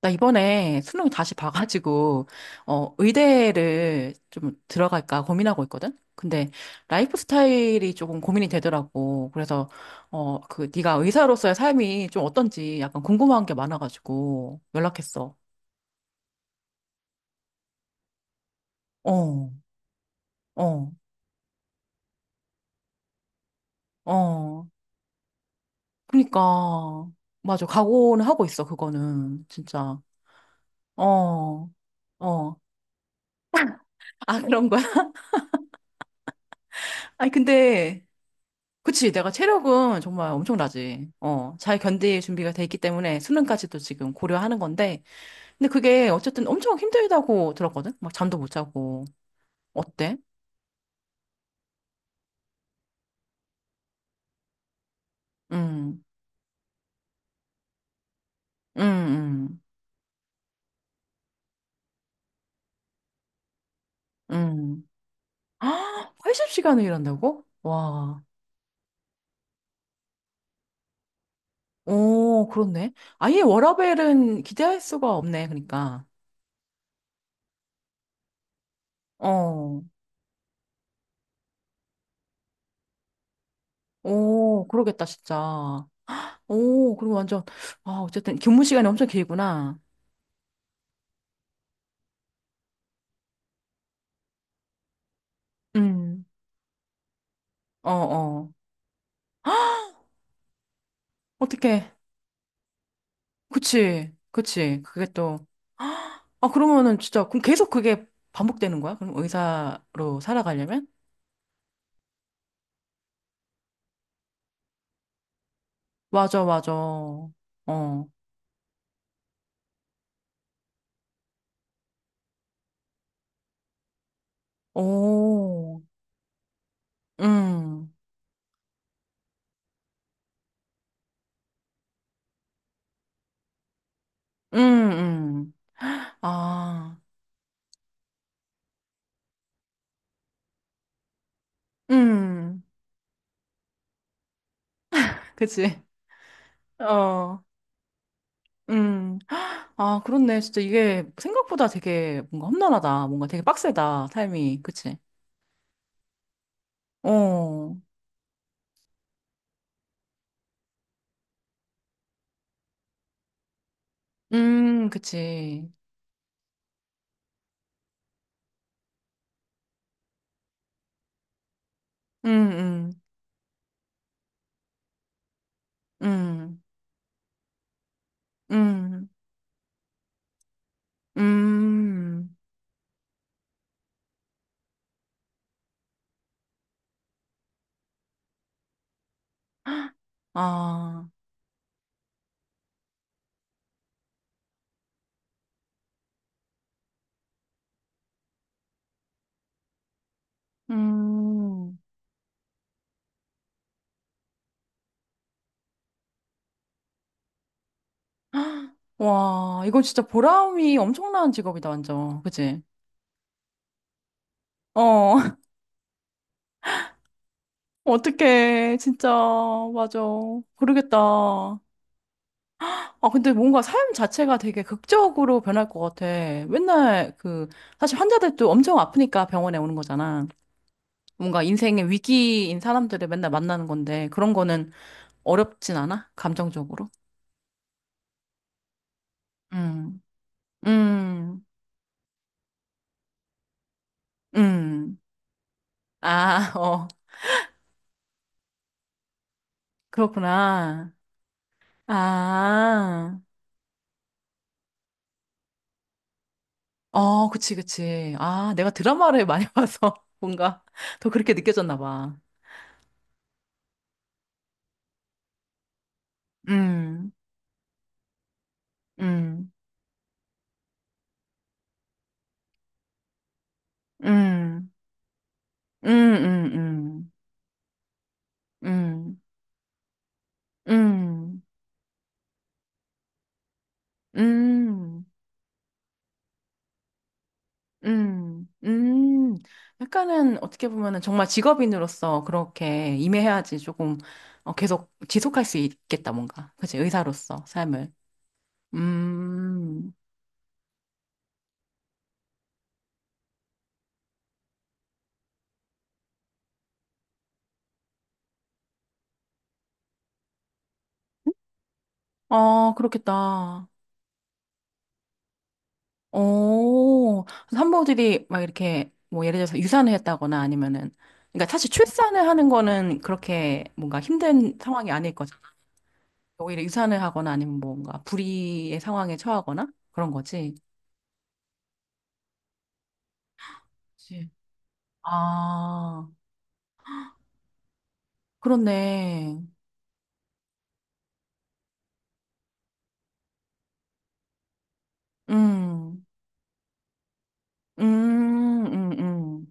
나 이번에 수능 다시 봐가지고, 의대를 좀 들어갈까 고민하고 있거든? 근데 라이프 스타일이 조금 고민이 되더라고. 그래서, 네가 의사로서의 삶이 좀 어떤지 약간 궁금한 게 많아가지고 연락했어. 어, 어, 어. 그니까, 맞아. 각오는 하고 있어, 그거는. 진짜. 어, 어. 아, 그런 거야? 아니, 근데, 그치, 내가 체력은 정말 엄청나지. 잘 견딜 준비가 돼 있기 때문에 수능까지도 지금 고려하는 건데. 근데 그게 어쨌든 엄청 힘들다고 들었거든? 막 잠도 못 자고. 어때? 음, 음, 음, 음. 아, 팔십 시간을 일한다고? 와. 오, 그렇네. 아예 워라밸은 기대할 수가 없네, 그러니까. 어, 오, 그러겠다, 진짜. 오, 그리고 완전, 아, 어쨌든 근무 시간이 엄청 길구나. 음, 어, 어. 어떻게. 그치, 그치. 그게 또, 아, 그러면은 진짜, 그럼 계속 그게 반복되는 거야? 그럼 의사로 살아가려면? 맞아, 맞아. 어, 오, 음, 음, 음. 아, 음, 그치. 어, 음. 아, 그렇네. 진짜 이게 생각보다 되게 뭔가 험난하다. 뭔가 되게 빡세다. 삶이. 그치. 어, 그치. 음, 음, 음, 음, 음. 아, 음, 와, 이건 진짜 보람이 엄청난 직업이다, 완전. 그치? 어, 어떡해, 진짜, 맞아. 모르겠다. 아, 근데 뭔가 삶 자체가 되게 극적으로 변할 것 같아. 맨날 그, 사실 환자들도 엄청 아프니까 병원에 오는 거잖아. 뭔가 인생의 위기인 사람들을 맨날 만나는 건데, 그런 거는 어렵진 않아? 감정적으로? 음, 음, 음. 아, 어, 그렇구나. 아, 어, 그치, 그치. 아, 내가 드라마를 많이 봐서 뭔가 더 그렇게 느껴졌나 봐. 음, 음, 음, 음, 음, 음, 음, 음, 음, 음. 약간은 어떻게 보면은 정말 직업인으로서 그렇게 임해야지 조금 계속 지속할 수 있겠다, 뭔가. 그치, 의사로서 삶을. 음, 아 그렇겠다. 오, 그래서 들이 막 이렇게 뭐 예를 들어서 유산을 했다거나 아니면은 그러니까 사실 출산을 하는 거는 그렇게 뭔가 힘든 상황이 아닐 거잖아. 오히려 유산을 하거나 아니면 뭔가 불의의 상황에 처하거나 그런 거지. 그치. 아, 그렇네. 음, 음, 음, 음.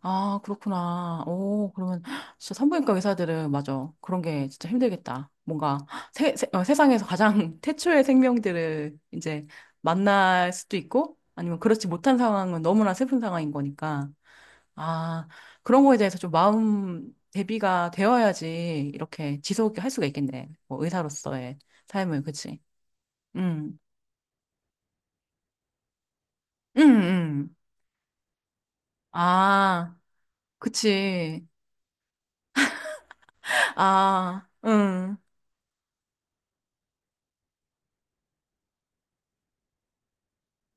아, 그렇구나. 오, 그러면 진짜 산부인과 의사들은 맞아. 그런 게 진짜 힘들겠다. 뭔가 세상에서 가장 태초의 생명들을 이제 만날 수도 있고 아니면 그렇지 못한 상황은 너무나 슬픈 상황인 거니까. 아, 그런 거에 대해서 좀 마음 대비가 되어야지 이렇게 지속 게할 수가 있겠네. 뭐 의사로서의 삶을, 그치? 응, 응, 응. 아, 그치. 아, 응.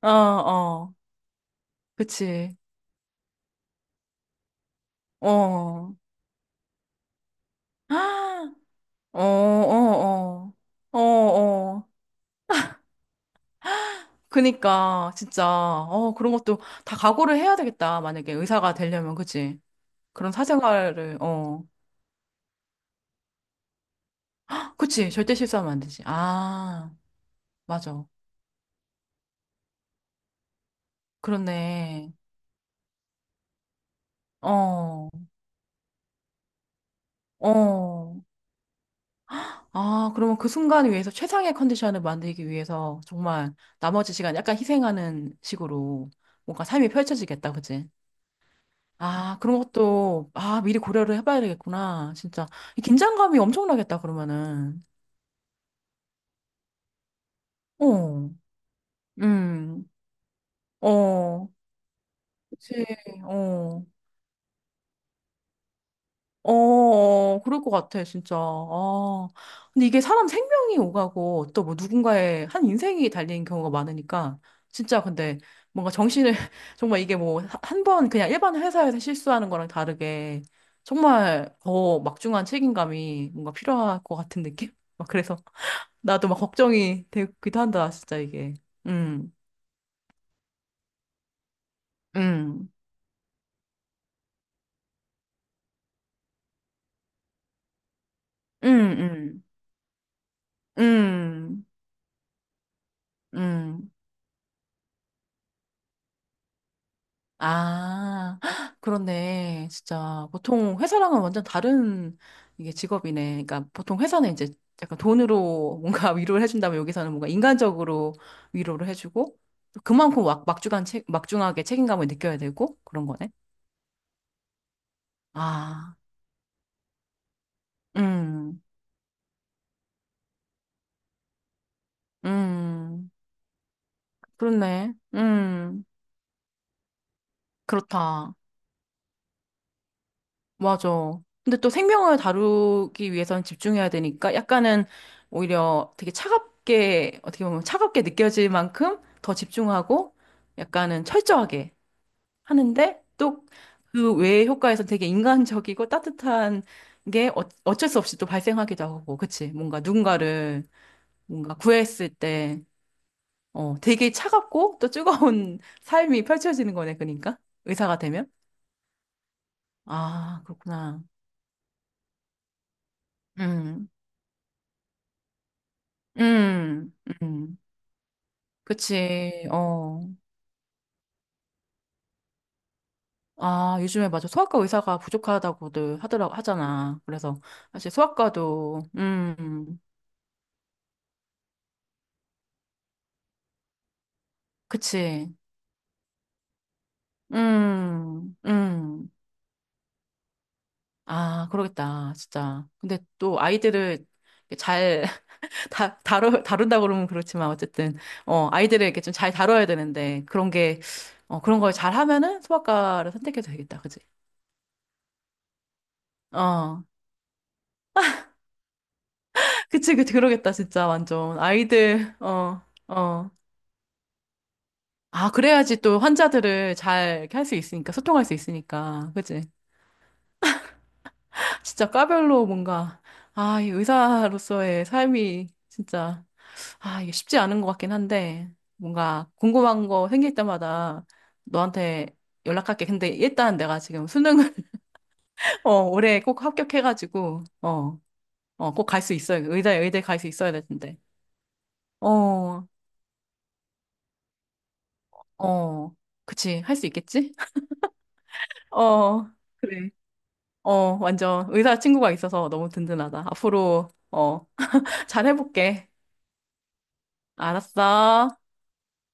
어, 어. 그치. 어. 아, 어, 어, 어. 어, 어. 그니까, 진짜, 그런 것도 다 각오를 해야 되겠다. 만약에 의사가 되려면, 그치? 그런 사생활을, 어. 그치? 절대 실수하면 안 되지. 아, 맞아. 그렇네. 어, 어. 아, 그러면 그 순간을 위해서 최상의 컨디션을 만들기 위해서 정말 나머지 시간 약간 희생하는 식으로 뭔가 삶이 펼쳐지겠다. 그치? 아, 그런 것도, 아, 미리 고려를 해봐야 되겠구나. 진짜. 이 긴장감이 엄청나겠다, 그러면은. 어, 음, 어, 그치, 어, 어, 어, 그럴 것 같아, 진짜. 아, 근데 이게 사람 생명이 오가고 또 뭐 누군가의 한 인생이 달린 경우가 많으니까, 진짜 근데 뭔가 정신을, 정말 이게 뭐, 한 번 그냥 일반 회사에서 실수하는 거랑 다르게, 정말 더 막중한 책임감이 뭔가 필요할 것 같은 느낌? 막 그래서 나도 막 걱정이 되기도 한다, 진짜 이게. 음, 음, 음, 음, 음, 음. 아, 헉, 그렇네. 진짜 보통 회사랑은 완전 다른 이게 직업이네. 그러니까 보통 회사는 이제 약간 돈으로 뭔가 위로를 해준다면 여기서는 뭔가 인간적으로 위로를 해주고 또 그만큼 막, 막중하게 책임감을 느껴야 되고 그런 거네. 아, 음, 음, 그렇네. 그렇다. 맞아. 근데 또 생명을 다루기 위해서는 집중해야 되니까 약간은 오히려 되게 차갑게, 어떻게 보면 차갑게 느껴질 만큼 더 집중하고 약간은 철저하게 하는데 또 그 외의 효과에서 되게 인간적이고 따뜻한 게 어쩔 수 없이 또 발생하기도 하고, 그치? 뭔가 누군가를 뭔가 구했을 때, 되게 차갑고 또 뜨거운 삶이 펼쳐지는 거네, 그러니까. 의사가 되면. 아, 그렇구나. 음. 음, 음, 그치, 어. 아, 요즘에 맞아. 소아과 의사가 부족하다고들 하더라고, 하잖아. 그래서, 사실 소아과도, 그치, 음, 음. 아, 그러겠다, 진짜. 근데 또 아이들을 잘 다룬다고 그러면 그렇지만, 어쨌든, 아이들을 이렇게 좀 잘 다뤄야 되는데, 그런 게, 그런 걸 잘 하면은 소아과를 선택해도 되겠다, 그치? 어, 그치, 그치, 그러겠다, 진짜, 완전. 아이들, 어, 어. 아, 그래야지 또 환자들을 잘 이렇게 할 수 있으니까, 소통할 수 있으니까. 그치? 진짜 과별로 뭔가, 아, 이 의사로서의 삶이 진짜, 아, 이게 쉽지 않은 것 같긴 한데, 뭔가 궁금한 거 생길 때마다 너한테 연락할게. 근데 일단 내가 지금 수능을, 올해 꼭 합격해가지고, 어, 어, 꼭 갈 수 있어야, 의대, 의대 갈 수 있어야 될 텐데. 어, 어. 그치, 할 수 있겠지? 어, 그래. 어, 완전 의사 친구가 있어서 너무 든든하다. 앞으로, 어, 잘해볼게. 알았어.